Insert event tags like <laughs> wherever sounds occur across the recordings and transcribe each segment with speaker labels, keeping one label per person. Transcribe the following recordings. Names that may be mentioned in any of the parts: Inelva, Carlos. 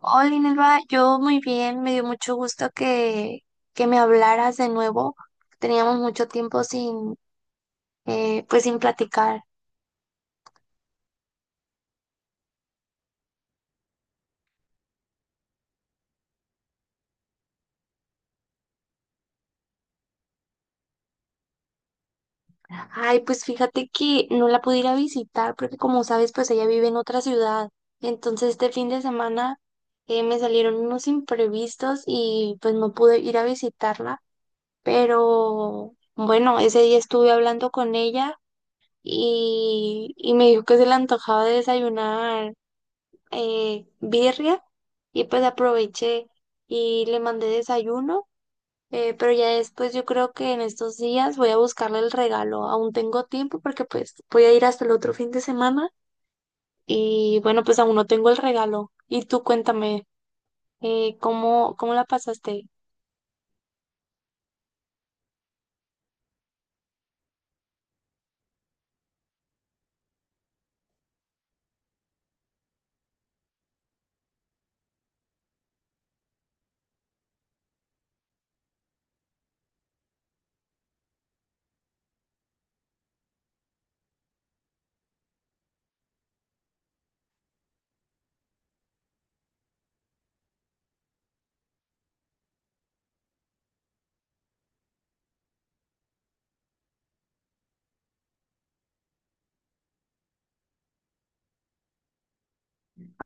Speaker 1: Hola, Inelva, yo muy bien, me dio mucho gusto que me hablaras de nuevo. Teníamos mucho tiempo sin, pues sin platicar. Ay, pues fíjate que no la pude ir a visitar porque como sabes, pues ella vive en otra ciudad. Entonces este fin de semana me salieron unos imprevistos y pues no pude ir a visitarla. Pero bueno, ese día estuve hablando con ella y me dijo que se le antojaba desayunar birria y pues aproveché y le mandé desayuno, pero ya después yo creo que en estos días voy a buscarle el regalo, aún tengo tiempo porque pues voy a ir hasta el otro fin de semana y bueno, pues aún no tengo el regalo. Y tú cuéntame, ¿cómo la pasaste?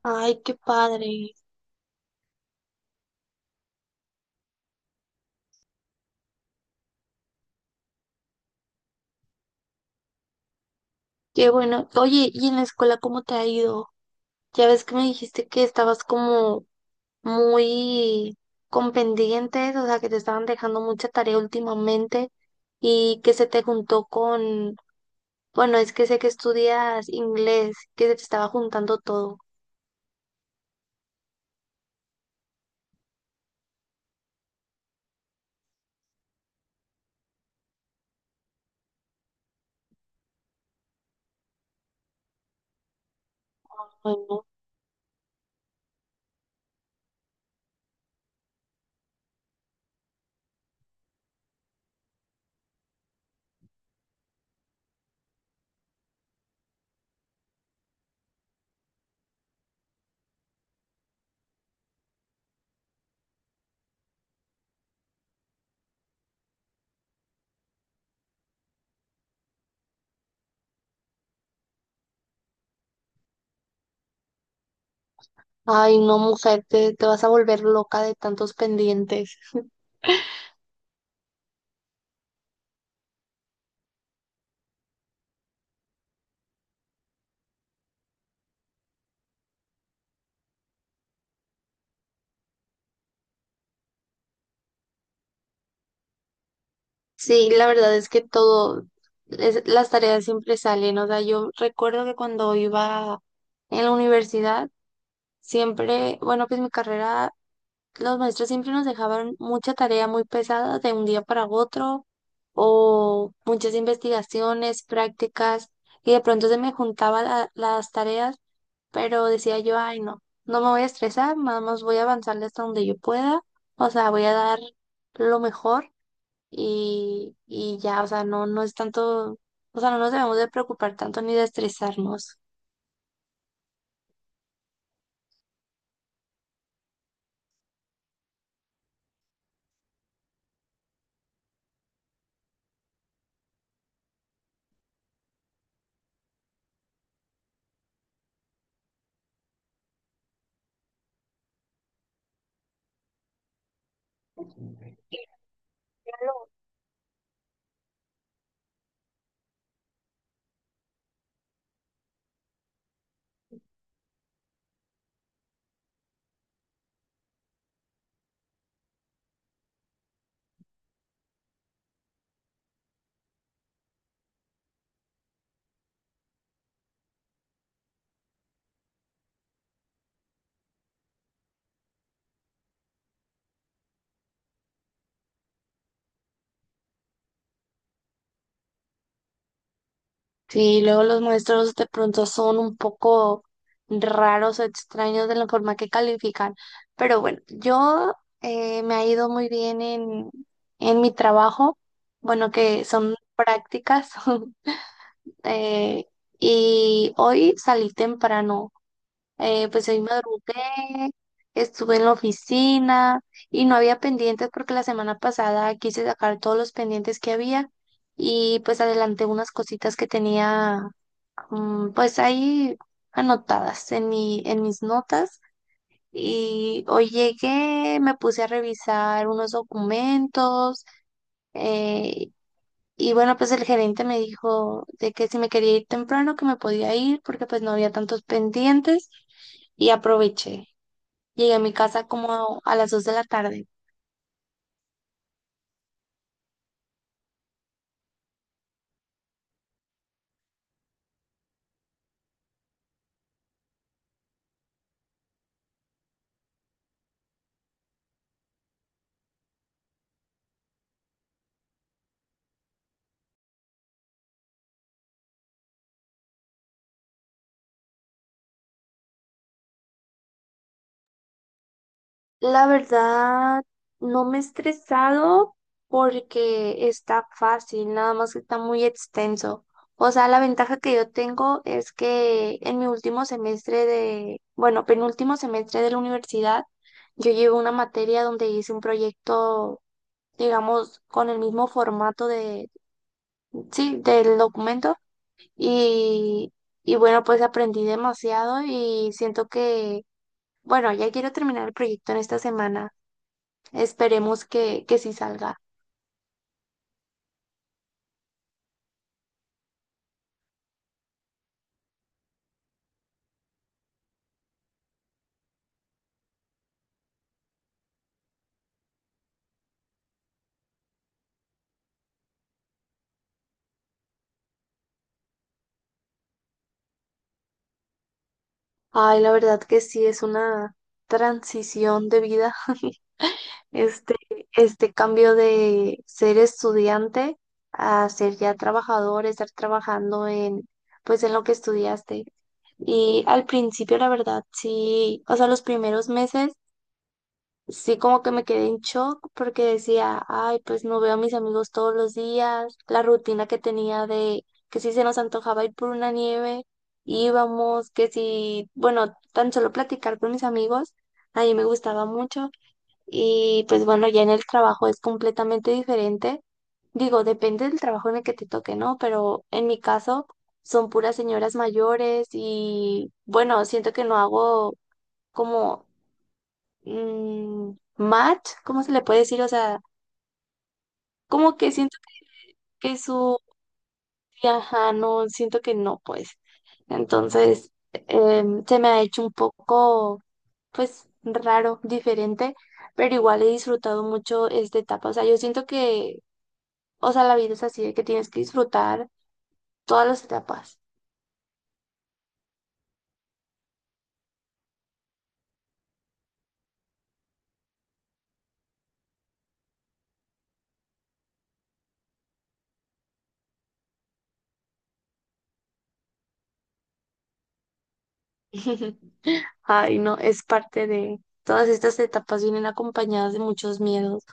Speaker 1: Ay, qué padre, qué bueno. Oye, ¿y en la escuela cómo te ha ido? Ya ves que me dijiste que estabas como muy con pendientes, o sea, que te estaban dejando mucha tarea últimamente y que se te juntó con, bueno, es que sé que estudias inglés, que se te estaba juntando todo. Ay, no. Ay, no, mujer, te vas a volver loca de tantos pendientes. Sí, la verdad es que todo, las tareas siempre salen. O sea, yo recuerdo que cuando iba en la universidad, siempre, bueno, pues mi carrera los maestros siempre nos dejaban mucha tarea muy pesada de un día para otro o muchas investigaciones, prácticas y de pronto se me juntaban las tareas, pero decía yo, ay no, no me voy a estresar, nada más voy a avanzarle hasta donde yo pueda, o sea, voy a dar lo mejor y ya, o sea, no, no es tanto, o sea, no nos debemos de preocupar tanto ni de estresarnos. Sí, luego los maestros de pronto son un poco raros o extraños de la forma que califican, pero bueno, yo me ha ido muy bien en mi trabajo, bueno, que son prácticas, <laughs> eh, y hoy salí temprano, pues hoy madrugué, estuve en la oficina y no había pendientes porque la semana pasada quise sacar todos los pendientes que había y pues adelanté unas cositas que tenía. Mm. Pues ahí anotadas en mis notas y hoy llegué, me puse a revisar unos documentos, eh, y bueno, pues el gerente me dijo de que si me quería ir temprano, que me podía ir porque pues no había tantos pendientes y aproveché. Llegué a mi casa como a las 2 de la tarde. La verdad, no me he estresado porque está fácil, nada más que está muy extenso. O sea, la ventaja que yo tengo es que en mi último semestre de, bueno, penúltimo semestre de la universidad, yo llevo una materia donde hice un proyecto, digamos, con el mismo formato de, sí, del documento y, y bueno, pues aprendí demasiado y siento que, bueno, ya quiero terminar el proyecto en esta semana. Esperemos que sí salga. Ay, la verdad que sí es una transición de vida, <laughs> este, este cambio de ser estudiante a ser ya trabajador, estar trabajando en, pues en lo que estudiaste. Y al principio, la verdad, sí, o sea, los primeros meses. Sí, como que me quedé en shock porque decía, ay, pues no veo a mis amigos todos los días, la rutina que tenía de que si se nos antojaba ir por una nieve, íbamos, que si, bueno, tan solo platicar con mis amigos, a mí me gustaba mucho y pues bueno, ya en el trabajo es completamente diferente. Digo, depende del trabajo en el que te toque, ¿no? Pero en mi caso son puras señoras mayores y bueno, siento que no hago como match, ¿cómo se le puede decir? O sea, como que siento que su ajá, no, siento que no, pues. Entonces, se me ha hecho un poco, pues, raro, diferente, pero igual he disfrutado mucho esta etapa. O sea, yo siento que, o sea, la vida es así, de que tienes que disfrutar todas las etapas. <laughs> Ay, no, es parte de todas estas etapas vienen acompañadas de muchos miedos.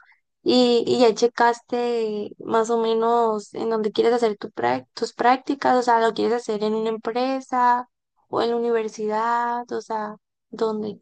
Speaker 1: Y ya checaste más o menos en dónde quieres hacer tu tus prácticas, o sea, lo quieres hacer en una empresa o en la universidad, o sea, ¿dónde?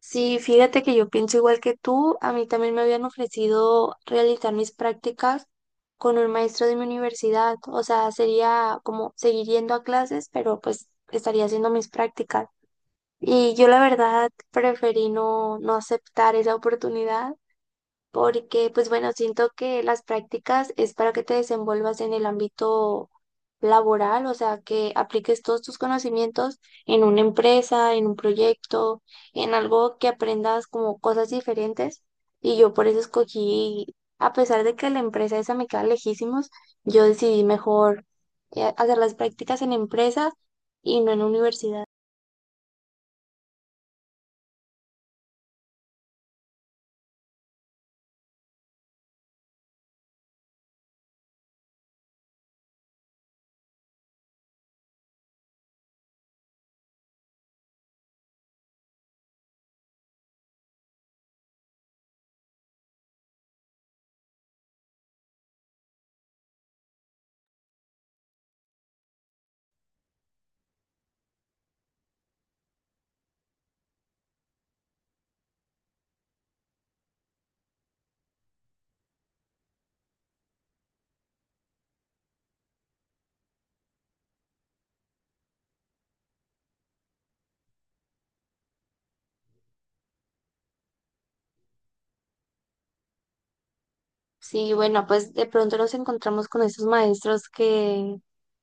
Speaker 1: Sí, fíjate que yo pienso igual que tú, a mí también me habían ofrecido realizar mis prácticas con un maestro de mi universidad, o sea, sería como seguir yendo a clases, pero pues estaría haciendo mis prácticas. Y yo la verdad preferí no, no aceptar esa oportunidad porque, pues bueno, siento que las prácticas es para que te desenvuelvas en el ámbito laboral, o sea, que apliques todos tus conocimientos en una empresa, en un proyecto, en algo que aprendas como cosas diferentes. Y yo por eso escogí, a pesar de que la empresa esa me queda lejísimos, yo decidí mejor hacer las prácticas en empresas y no en universidad. Sí, bueno, pues de pronto nos encontramos con esos maestros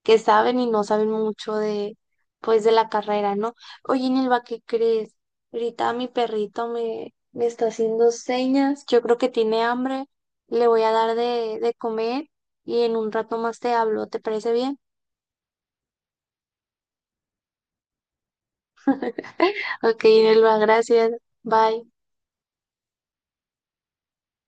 Speaker 1: que saben y no saben mucho de, pues, de la carrera, ¿no? Oye, Nilva, ¿qué crees? Ahorita mi perrito me está haciendo señas, yo creo que tiene hambre, le voy a dar de comer y en un rato más te hablo, ¿te parece bien? Ok, Nilva, gracias, bye.